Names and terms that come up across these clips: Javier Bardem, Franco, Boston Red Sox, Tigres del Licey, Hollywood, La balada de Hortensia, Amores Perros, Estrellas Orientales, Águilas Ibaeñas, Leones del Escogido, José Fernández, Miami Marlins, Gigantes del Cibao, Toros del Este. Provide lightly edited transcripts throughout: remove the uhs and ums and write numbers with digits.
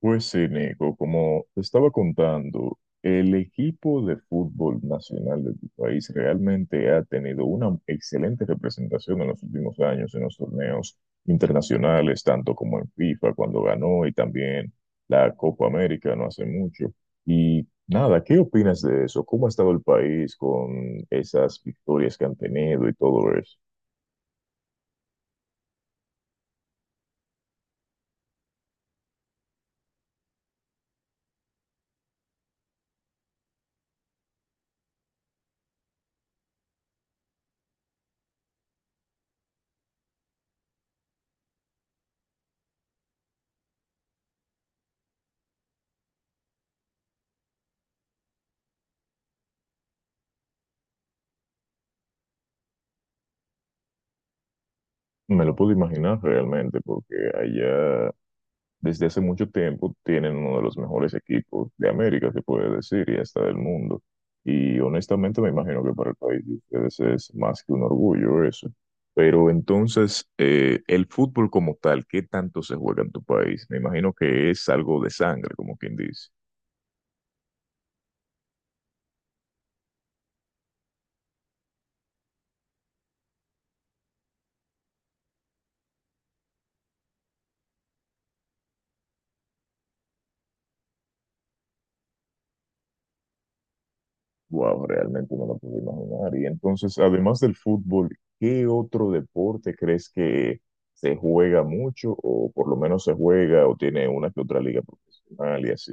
Pues sí, Nico, como te estaba contando, el equipo de fútbol nacional de tu país realmente ha tenido una excelente representación en los últimos años en los torneos internacionales, tanto como en FIFA cuando ganó y también la Copa América no hace mucho. Y nada, ¿qué opinas de eso? ¿Cómo ha estado el país con esas victorias que han tenido y todo eso? Me lo puedo imaginar realmente porque allá desde hace mucho tiempo tienen uno de los mejores equipos de América, se puede decir, y hasta del mundo. Y honestamente me imagino que para el país de ustedes es más que un orgullo eso. Pero entonces, el fútbol como tal, ¿qué tanto se juega en tu país? Me imagino que es algo de sangre, como quien dice. Wow, realmente no lo puedo imaginar. Y entonces, además del fútbol, ¿qué otro deporte crees que se juega mucho o por lo menos se juega o tiene una que otra liga profesional y así?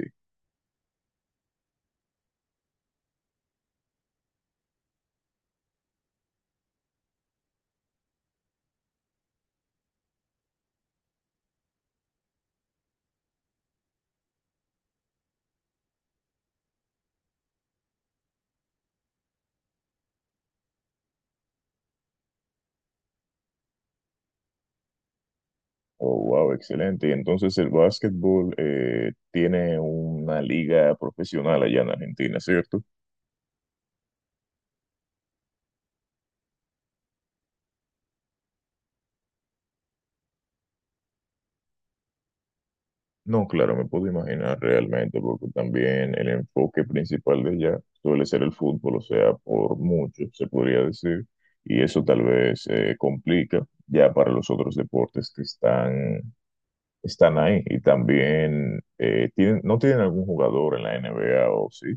Oh, wow, excelente. Y entonces el básquetbol tiene una liga profesional allá en Argentina, ¿cierto? No, claro, me puedo imaginar realmente, porque también el enfoque principal de allá suele ser el fútbol, o sea, por mucho, se podría decir, y eso tal vez complica ya para los otros deportes que están ahí. Y también, ¿no tienen algún jugador en la NBA o sí?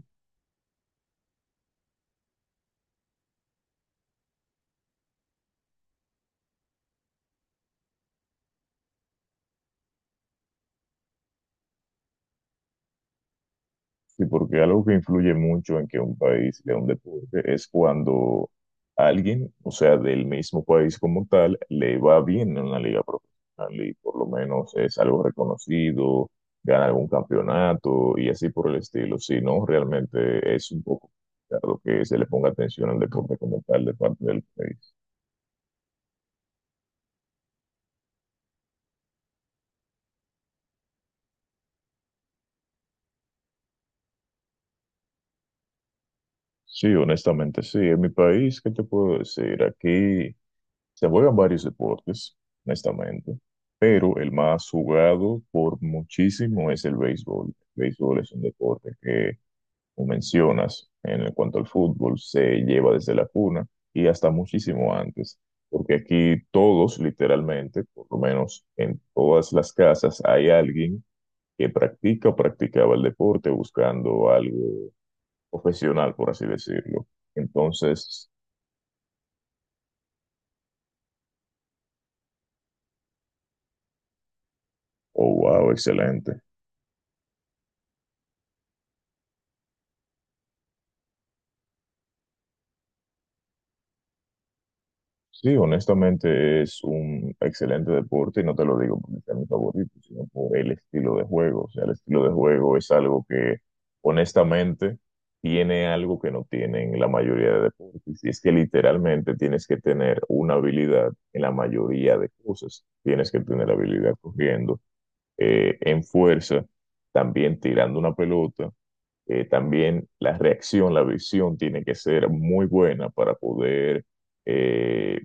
Sí, porque algo que influye mucho en que un país sea un deporte es cuando alguien, o sea, del mismo país como tal, le va bien en una liga profesional y por lo menos es algo reconocido, gana algún campeonato y así por el estilo. Si no, realmente es un poco complicado que se le ponga atención al deporte como tal de parte del país. Sí, honestamente, sí. En mi país, ¿qué te puedo decir? Aquí se juegan varios deportes, honestamente, pero el más jugado por muchísimo es el béisbol. El béisbol es un deporte que, como mencionas, en cuanto al fútbol, se lleva desde la cuna y hasta muchísimo antes, porque aquí todos, literalmente, por lo menos en todas las casas, hay alguien que practica o practicaba el deporte buscando algo profesional, por así decirlo. Entonces, oh, wow, excelente. Sí, honestamente es un excelente deporte y no te lo digo porque sea mi favorito, sino por el estilo de juego. O sea, el estilo de juego es algo que honestamente tiene algo que no tienen la mayoría de deportes. Y es que literalmente tienes que tener una habilidad en la mayoría de cosas. Tienes que tener habilidad corriendo, en fuerza, también tirando una pelota. También la reacción, la visión tiene que ser muy buena eh,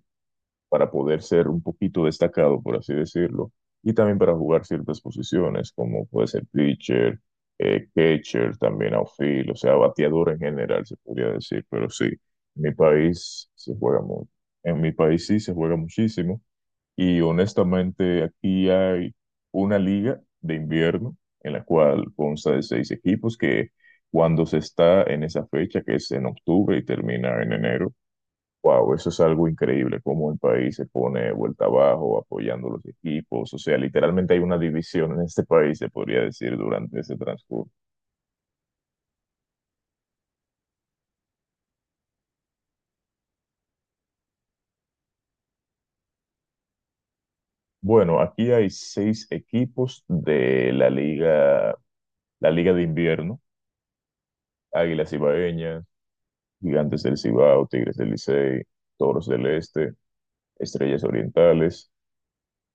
para poder ser un poquito destacado, por así decirlo, y también para jugar ciertas posiciones, como puede ser pitcher, catcher, también outfield, o sea, bateador en general, se podría decir, pero sí, en mi país se juega mucho. En mi país sí se juega muchísimo, y honestamente aquí hay una liga de invierno en la cual consta de seis equipos que cuando se está en esa fecha, que es en octubre y termina en enero. Wow, eso es algo increíble, cómo el país se pone vuelta abajo apoyando los equipos. O sea, literalmente hay una división en este país, se podría decir, durante ese transcurso. Bueno, aquí hay seis equipos de la liga de invierno: Águilas Ibaeñas, Gigantes del Cibao, Tigres del Licey, Toros del Este, Estrellas Orientales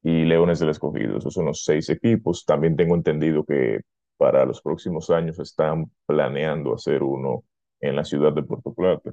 y Leones del Escogido. Esos son los seis equipos. También tengo entendido que para los próximos años están planeando hacer uno en la ciudad de Puerto Plata.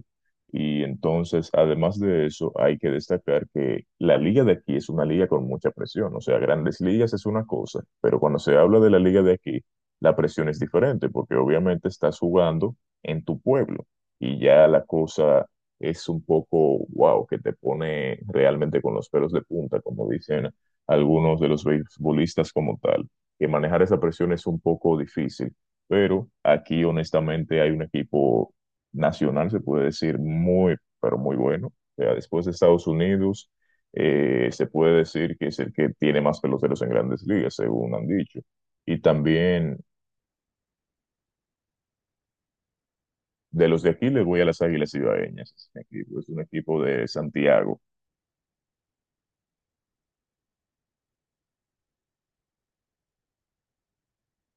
Y entonces, además de eso, hay que destacar que la liga de aquí es una liga con mucha presión. O sea, grandes ligas es una cosa, pero cuando se habla de la liga de aquí, la presión es diferente porque obviamente estás jugando en tu pueblo y ya la cosa es un poco, wow, que te pone realmente con los pelos de punta, como dicen algunos de los beisbolistas como tal, que manejar esa presión es un poco difícil, pero aquí honestamente hay un equipo nacional, se puede decir, muy, pero muy bueno. O sea, después de Estados Unidos, se puede decir que es el que tiene más peloteros en grandes ligas, según han dicho. Y también de los de aquí les voy a las Águilas cibaeñas. Es un equipo, es un equipo de Santiago.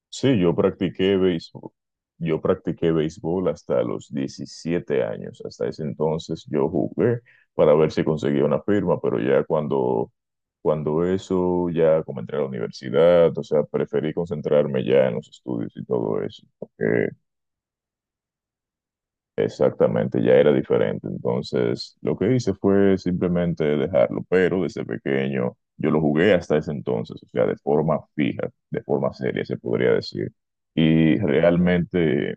Sí, yo practiqué béisbol. Yo practiqué béisbol hasta los 17 años. Hasta ese entonces yo jugué para ver si conseguía una firma, pero ya cuando eso, ya como entré a la universidad, o sea, preferí concentrarme ya en los estudios y todo eso porque. Exactamente, ya era diferente. Entonces, lo que hice fue simplemente dejarlo, pero desde pequeño yo lo jugué hasta ese entonces, o sea, de forma fija, de forma seria, se podría decir. Y realmente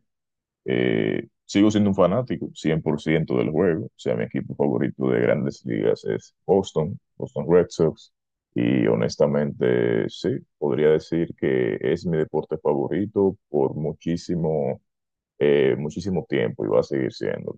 sigo siendo un fanático 100% del juego, o sea, mi equipo favorito de grandes ligas es Boston, Boston Red Sox, y honestamente, sí, podría decir que es mi deporte favorito por muchísimo tiempo y va a seguir siendo.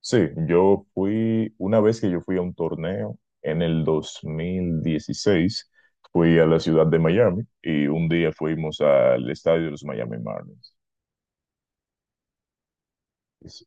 Sí, yo fui, una vez que yo fui a un torneo en el 2016, fui a la ciudad de Miami y un día fuimos al estadio de los Miami Marlins. Es-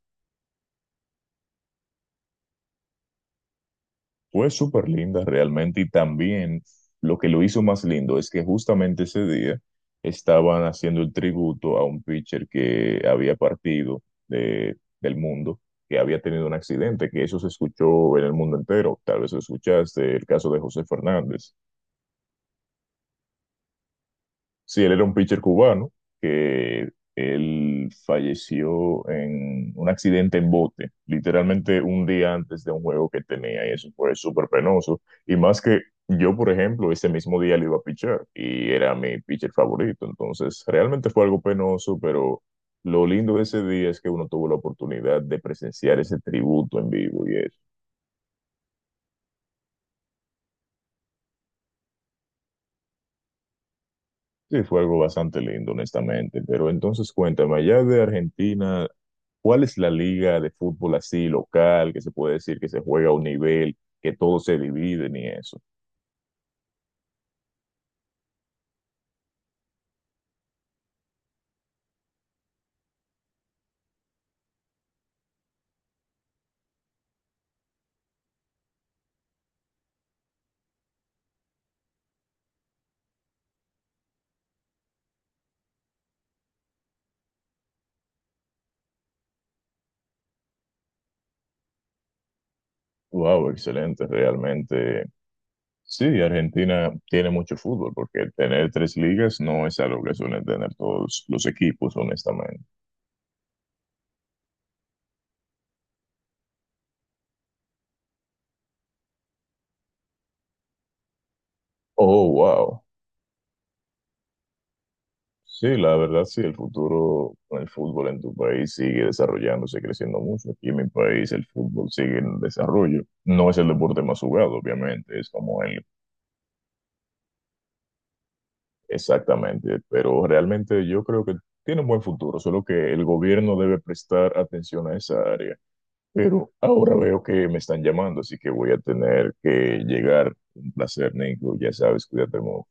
Fue súper linda realmente y también lo que lo hizo más lindo es que justamente ese día estaban haciendo el tributo a un pitcher que había partido del mundo, que había tenido un accidente, que eso se escuchó en el mundo entero, tal vez lo escuchaste, el caso de José Fernández. Sí, él era un pitcher cubano que él falleció en un accidente en bote, literalmente un día antes de un juego que tenía, y eso fue súper penoso. Y más que yo, por ejemplo, ese mismo día le iba a pichar y era mi pitcher favorito. Entonces, realmente fue algo penoso, pero lo lindo de ese día es que uno tuvo la oportunidad de presenciar ese tributo en vivo y eso. Sí, fue algo bastante lindo, honestamente. Pero entonces, cuéntame, allá de Argentina, ¿cuál es la liga de fútbol así local que se puede decir que se juega a un nivel, que todos se dividen y eso? Wow, excelente, realmente. Sí, Argentina tiene mucho fútbol porque tener tres ligas no es algo que suelen tener todos los equipos, honestamente. Oh, wow. Sí, la verdad sí, el futuro con el fútbol en tu país sigue desarrollándose, creciendo mucho. Aquí en mi país el fútbol sigue en desarrollo. No es el deporte más jugado, obviamente, es como el. Exactamente, pero realmente yo creo que tiene un buen futuro, solo que el gobierno debe prestar atención a esa área. Pero ahora veo que me están llamando, así que voy a tener que llegar. Un placer, Nico, ya sabes, cuídate mucho.